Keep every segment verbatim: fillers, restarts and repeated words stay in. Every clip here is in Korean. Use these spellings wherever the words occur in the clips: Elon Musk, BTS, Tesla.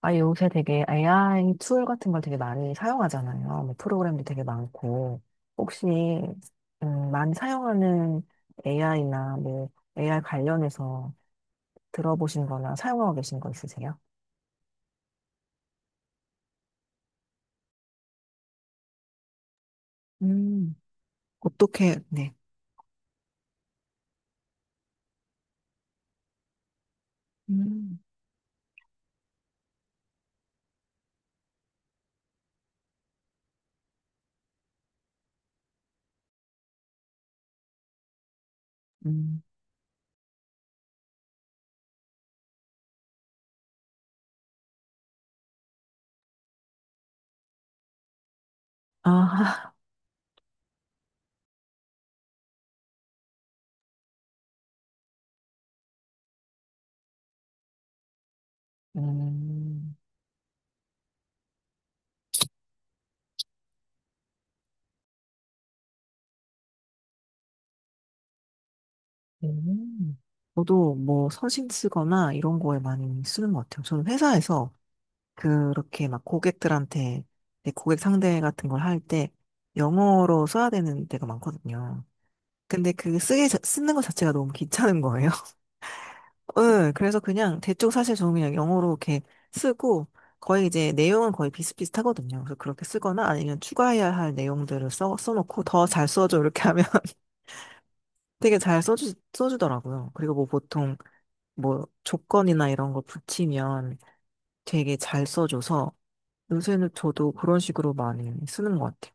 아, 요새 되게 에이아이 툴 같은 걸 되게 많이 사용하잖아요. 뭐 프로그램도 되게 많고. 혹시, 음, 많이 사용하는 에이아이나 뭐 에이아이 관련해서 들어보신 거나 사용하고 계신 거 있으세요? 음, 어떻게, 네. 음, 음, 아, 음, 음. 저도 뭐 서신 쓰거나 이런 거에 많이 쓰는 것 같아요. 저는 회사에서 그렇게 막 고객들한테 내 고객 상대 같은 걸 할 때 영어로 써야 되는 때가 많거든요. 근데 그 쓰기 자- 쓰는 것 자체가 너무 귀찮은 거예요. 응, 그래서 그냥 대충 사실 저는 그냥 영어로 이렇게 쓰고 거의 이제 내용은 거의 비슷비슷하거든요. 그래서 그렇게 쓰거나 아니면 추가해야 할 내용들을 써, 써놓고 더 잘 써줘 이렇게 하면 되게 잘 써주, 써주더라고요. 그리고 뭐 보통 뭐 조건이나 이런 거 붙이면 되게 잘 써줘서 요새는 저도 그런 식으로 많이 쓰는 것 같아요.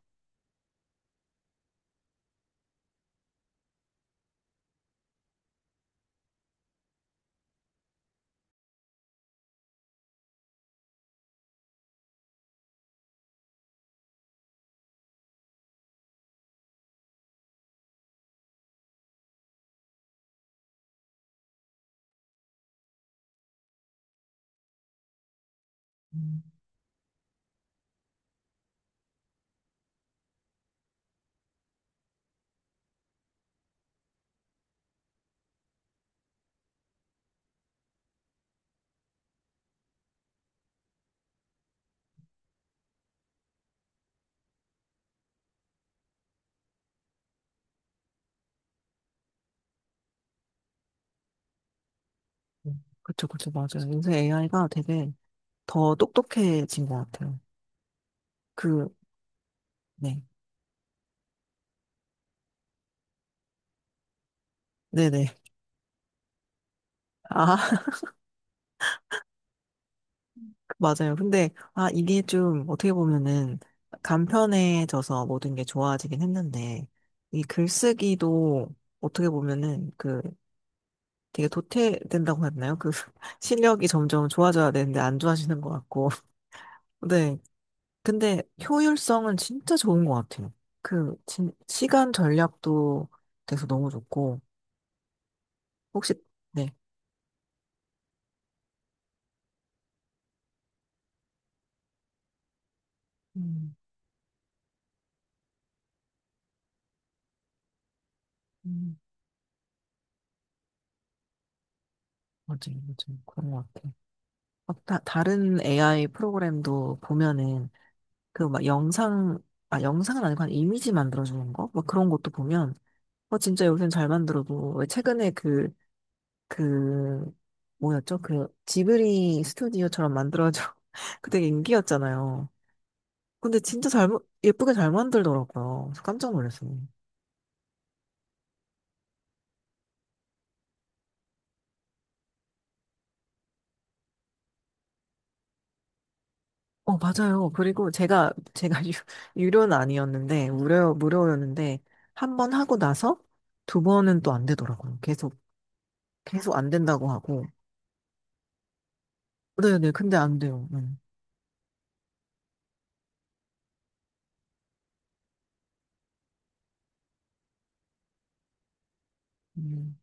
음. 그쵸, 그쵸, 맞아요. 요새 에이아이가 되게 더 똑똑해진 것 같아요. 그, 네. 네네. 아, 맞아요. 근데, 아, 이게 좀 어떻게 보면은 간편해져서 모든 게 좋아지긴 했는데, 이 글쓰기도 어떻게 보면은 그 되게 도태된다고 했나요? 그 실력이 점점 좋아져야 되는데 안 좋아지는 것 같고. 네. 근데 효율성은 진짜 좋은 것 같아요. 그, 진, 시간 전략도 돼서 너무 좋고, 혹시, 네. 음, 음, 맞아요, 맞아요. 그런 것 같아요. 막 다, 다른 에이아이 프로그램도 보면은, 그 막 영상, 아, 영상은 아니고 한 이미지 만들어주는 거? 막 그런 것도 보면, 어, 진짜 요새는 잘 만들어도, 왜 최근에 그, 그, 뭐였죠? 그 지브리 스튜디오처럼 만들어져. 그 되게 인기였잖아요. 근데 진짜 잘, 만- 예쁘게 잘 만들더라고요. 그래서 깜짝 놀랐어요. 어, 맞아요. 그리고 제가, 제가 유, 유료는 아니었는데, 무료, 무료였는데, 한 번 하고 나서 두 번은 또 안 되더라고요. 계속, 계속 안 된다고 하고. 네네, 근데 안 돼요. 음, 음,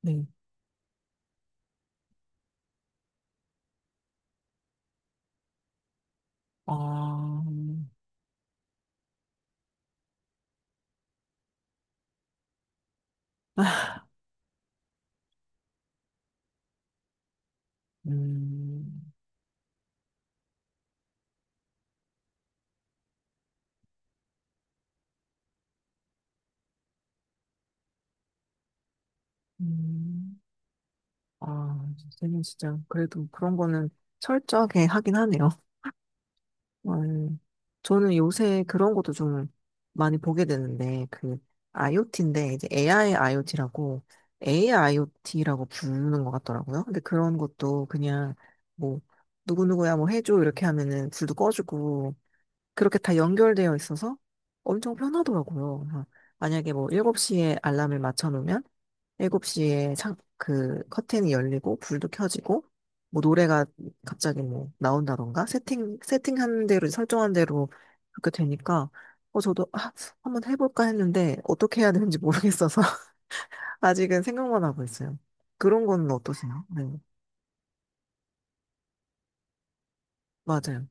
네. 아, 음, 음, 아, 선생님 진짜, 그래도 그런 거는 철저하게 하긴 하네요. 음, 저는 요새 그런 것도 좀 많이 보게 되는데, 그, IoT인데, 이제 에이아이 IoT라고, 에이아이 아이오티라고 부르는 것 같더라고요. 근데 그런 것도 그냥, 뭐, 누구누구야 뭐 해줘, 이렇게 하면은 불도 꺼주고, 그렇게 다 연결되어 있어서 엄청 편하더라고요. 막 만약에 뭐 일곱 시에 알람을 맞춰놓으면, 일곱 시에 창, 그 커튼이 열리고 불도 켜지고 뭐 노래가 갑자기 뭐 나온다던가 세팅 세팅한 대로 설정한 대로 그렇게 되니까 어 저도 아, 한번 해볼까 했는데 어떻게 해야 되는지 모르겠어서 아직은 생각만 하고 있어요. 그런 거는 어떠세요? 네, 맞아요.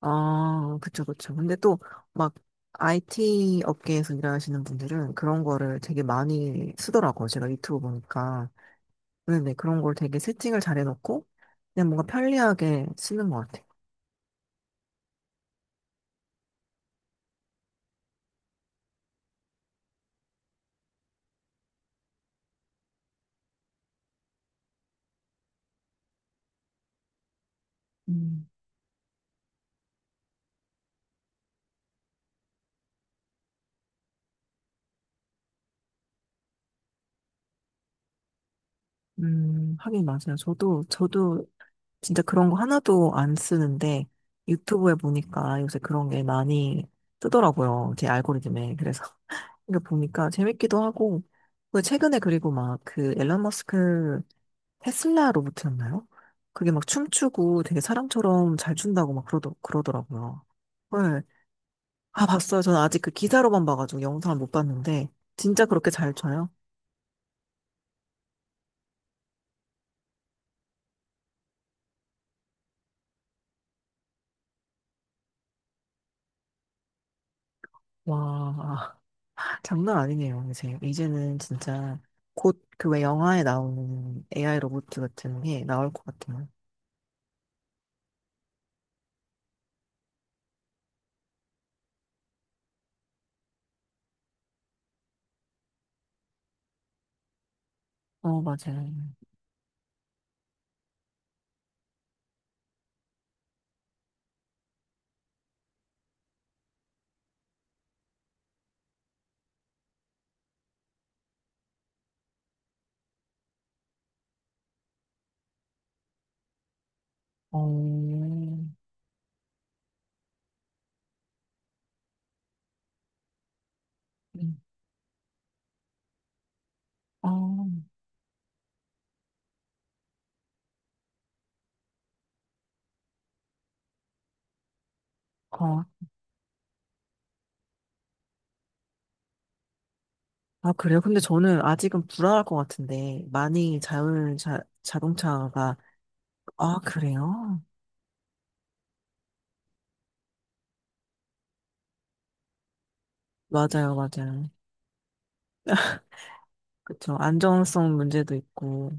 아, 그쵸, 그쵸. 근데 또 막 아이티 업계에서 일하시는 분들은 그런 거를 되게 많이 쓰더라고요. 제가 유튜브 보니까. 네네, 그런 걸 되게 세팅을 잘 해놓고, 그냥 뭔가 편리하게 쓰는 것 같아요. 음, 음, 하긴 맞아요. 저도, 저도 진짜 그런 거 하나도 안 쓰는데, 유튜브에 보니까 요새 그런 게 많이 뜨더라고요. 제 알고리즘에. 그래서, 이거 보니까 재밌기도 하고, 그 최근에 그리고 막 그 앨런 머스크 테슬라 로봇이었나요? 그게 막 춤추고 되게 사람처럼 잘 춘다고 막 그러더, 그러더라고요. 네, 아, 봤어요. 저는 아직 그 기사로만 봐가지고 영상을 못 봤는데, 진짜 그렇게 잘 쳐요? 와, 장난 아니네요, 이제. 이제는 진짜 곧 그 왜 영화에 나오는 에이아이 로봇 같은 게 나올 것 같아요. 어, 맞아요. 어, 음. 어, 어. 아, 그래요? 근데 저는 아직은 불안할 것 같은데, 많이 자율 자, 자동차가, 아, 그래요? 맞아요, 맞아요. 그쵸. 안정성 문제도 있고,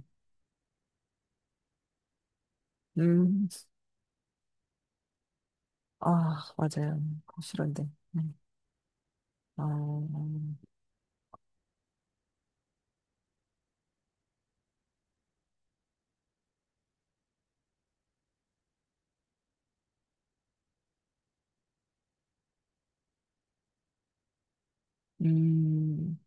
음. 아, 맞아요. 싫은데. 음, 아, 음,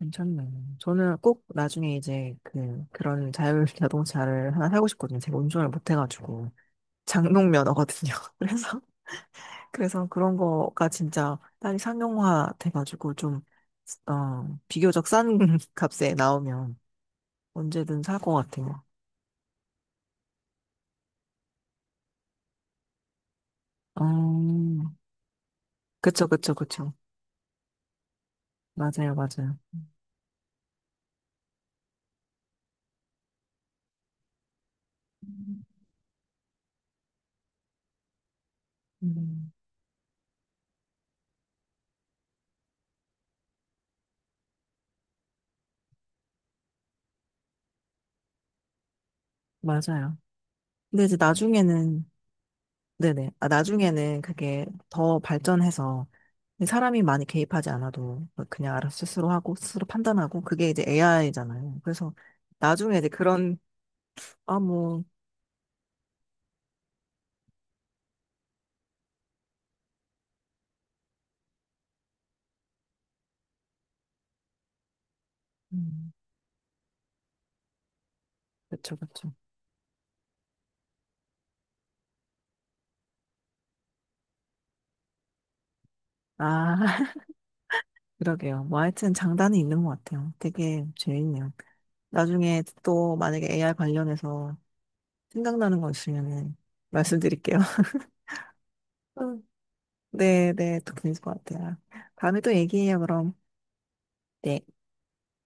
괜찮네요. 저는 꼭 나중에 이제 그, 그런 자율 자동차를 하나 사고 싶거든요. 제가 운전을 못 해가지고. 장롱면허거든요. 그래서, 그래서 그런 거가 진짜 딸이 상용화 돼가지고 좀, 어, 비교적 싼 값에 나오면 언제든 살 것 같아요. 음, 그쵸, 그쵸, 그쵸. 맞아요, 맞아요. 음, 음, 맞아요. 근데 이제 나중에는 네네. 아, 나중에는 그게 더 발전해서 사람이 많이 개입하지 않아도 그냥 알아서 스스로 하고 스스로 판단하고 그게 이제 에이아이잖아요. 그래서 나중에 이제 그런 아 뭐 음, 그렇죠 그렇죠. 아 그러게요. 뭐 하여튼 장단이 있는 것 같아요. 되게 재밌네요. 나중에 또 만약에 에이아이 관련해서 생각나는 거 있으면은 말씀드릴게요. 네, 네, 또 그럴 것 같아요. 다음에 또 얘기해요, 그럼. 네.